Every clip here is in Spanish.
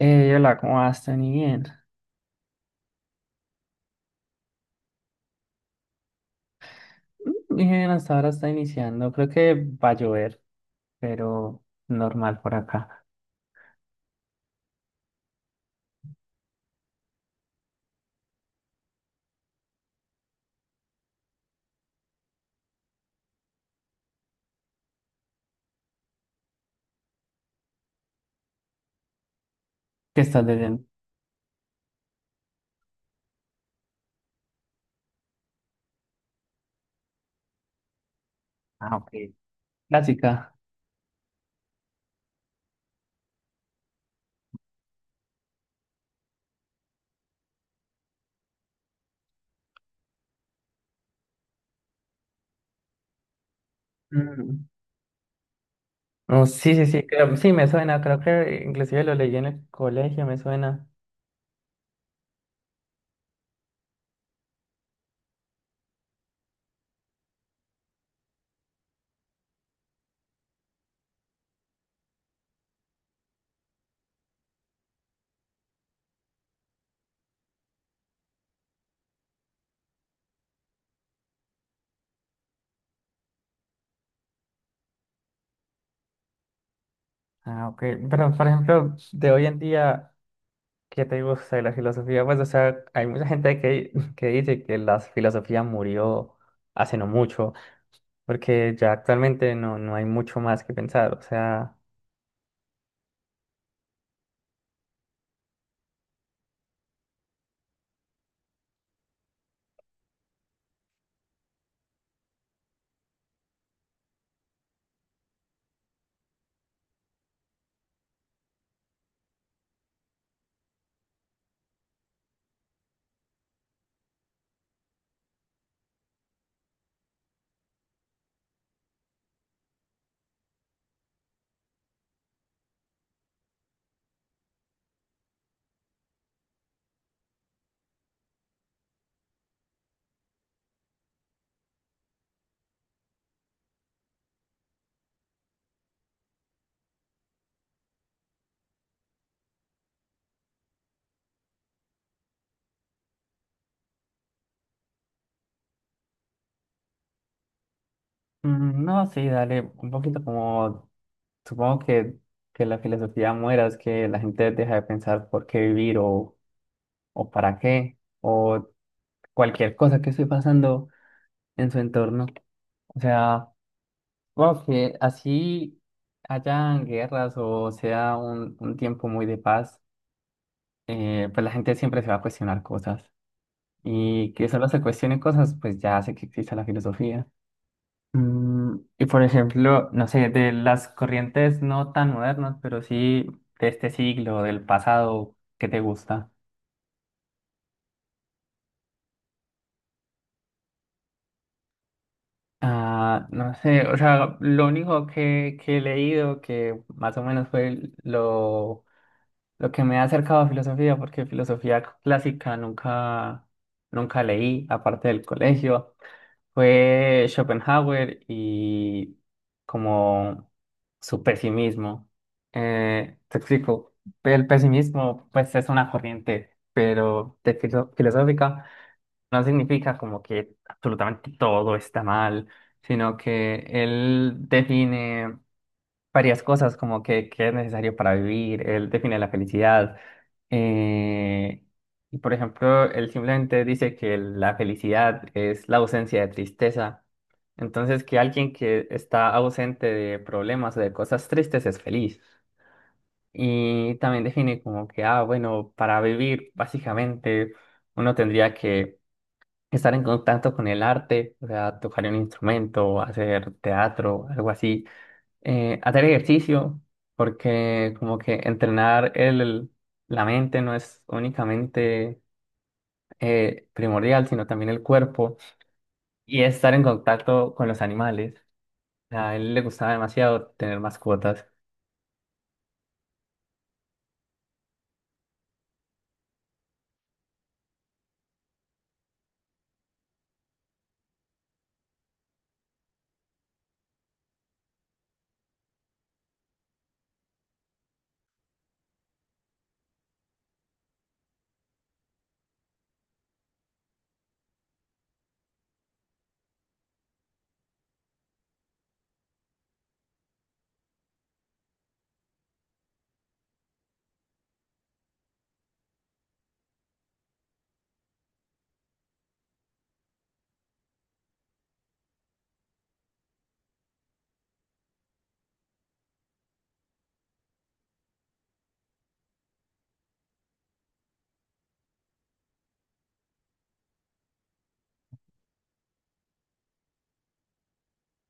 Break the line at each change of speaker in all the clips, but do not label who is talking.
Hola, ¿cómo vas, Tani? Bien. Bien, hasta ahora está iniciando. Creo que va a llover, pero normal por acá. ¿Qué estás leyendo? Ah, ok. Clásica. Mm. Oh, sí, sí, sí, creo, sí, me suena. Creo que inclusive lo leí en el colegio, me suena. Ah, ok. Pero, por ejemplo, de hoy en día, ¿qué te gusta de la filosofía? Pues, o sea, hay mucha gente que dice que la filosofía murió hace no mucho, porque ya actualmente no hay mucho más que pensar. O sea... Mm, no, sí, dale, un poquito como, supongo que la filosofía muera, es que la gente deja de pensar por qué vivir o para qué, o cualquier cosa que esté pasando en su entorno. O sea, supongo que así hayan guerras o sea un tiempo muy de paz, pues la gente siempre se va a cuestionar cosas. Y que solo se cuestionen cosas, pues ya hace que exista la filosofía. Mm, y por ejemplo, no sé, de las corrientes no tan modernas, pero sí de este siglo, del pasado, ¿qué te gusta? Ah, no sé, o sea, lo único que he leído que más o menos fue lo que me ha acercado a filosofía, porque filosofía clásica nunca, nunca leí, aparte del colegio. Fue Schopenhauer y como su pesimismo. Te explico, el pesimismo pues es una corriente, pero de filosófica no significa como que absolutamente todo está mal, sino que él define varias cosas como que es necesario para vivir, él define la felicidad. Eh, y por ejemplo, él simplemente dice que la felicidad es la ausencia de tristeza. Entonces, que alguien que está ausente de problemas o de cosas tristes es feliz. Y también define como que, ah, bueno, para vivir, básicamente, uno tendría que estar en contacto con el arte, o sea, tocar un instrumento, hacer teatro, algo así, hacer ejercicio, porque como que entrenar el, la mente no es únicamente primordial, sino también el cuerpo, y estar en contacto con los animales. A él le gustaba demasiado tener mascotas,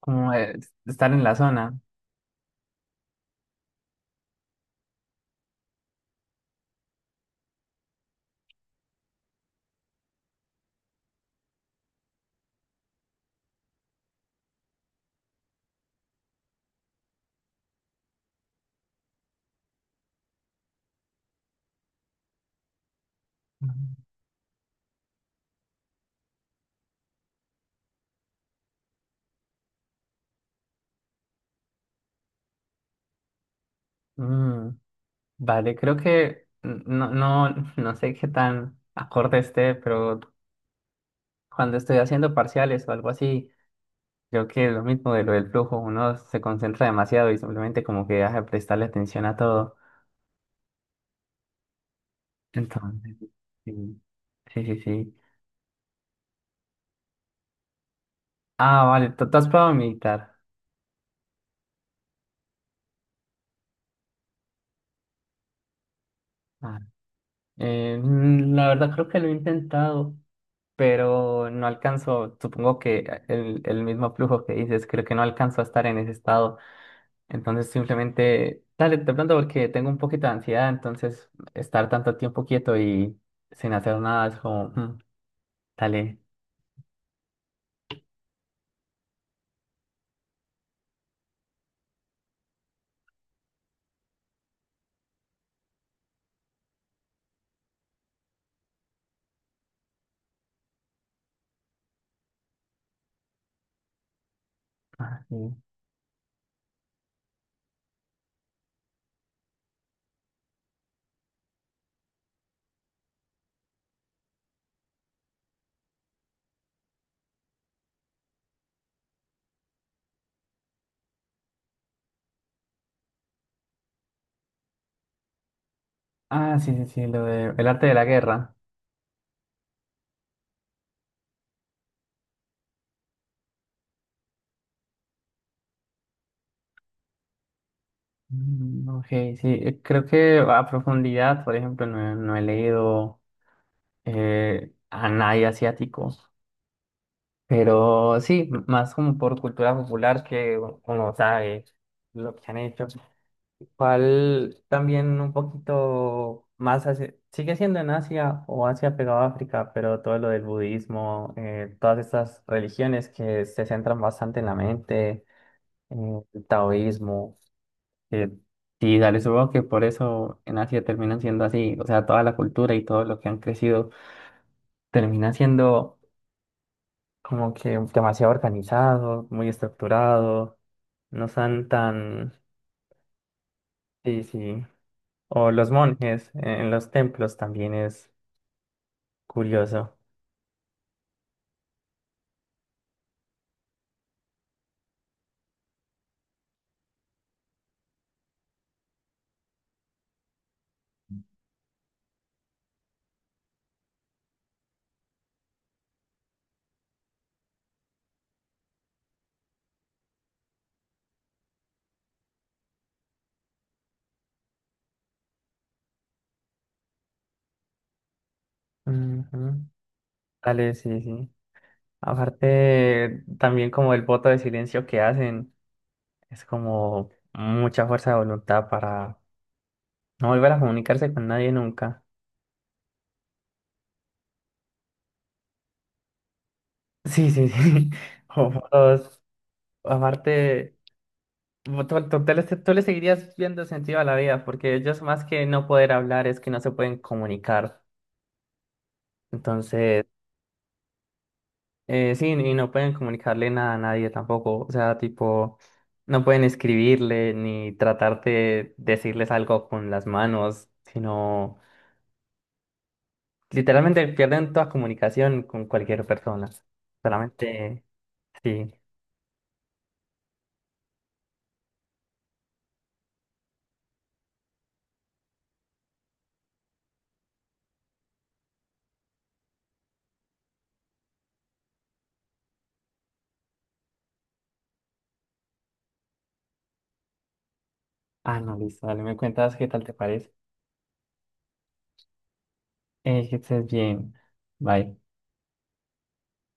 como estar en la zona. Ujú. Mm, vale, creo que no sé qué tan acorde esté, pero cuando estoy haciendo parciales o algo así, creo que es lo mismo de lo del flujo, uno se concentra demasiado y simplemente como que deja de prestarle atención a todo. Entonces, sí, sí, sí, sí. Ah, vale, ¿tú has probado meditar? Ah, la verdad creo que lo he intentado, pero no alcanzo, supongo que el mismo flujo que dices, creo que no alcanzo a estar en ese estado. Entonces simplemente, dale, de pronto porque tengo un poquito de ansiedad, entonces estar tanto tiempo quieto y sin hacer nada es como, mm, dale. Ah, sí. Ah, sí, sí, sí, lo de el arte de la guerra. Mm, ok, sí, creo que a profundidad, por ejemplo, no, he no he leído a nadie asiático, pero sí, más como por cultura popular que uno sabe lo que han hecho. ¿Cuál también un poquito más sigue siendo en Asia o Asia pegado a África, pero todo lo del budismo, todas estas religiones que se centran bastante en la mente, el taoísmo. Eh, sí, dale, supongo que por eso en Asia terminan siendo así, o sea, toda la cultura y todo lo que han crecido termina siendo como que demasiado organizado, muy estructurado, no son tan, sí, sí, o los monjes en los templos también es curioso. Ujú. Dale, sí, sí. Aparte, también como el voto de silencio que hacen, es como mucha fuerza de voluntad para no volver a comunicarse con nadie nunca. Sí, sí, sí. O fotos, aparte, tú le seguirías viendo sentido a la vida, porque ellos más que no poder hablar es que no se pueden comunicar. Entonces, sí, y no pueden comunicarle nada a nadie tampoco. O sea, tipo, no pueden escribirle ni tratar de decirles algo con las manos, sino literalmente pierden toda comunicación con cualquier persona. Solamente, sí. Ah, no, listo, dale, me cuentas qué tal te parece. Que estés bien. Bye.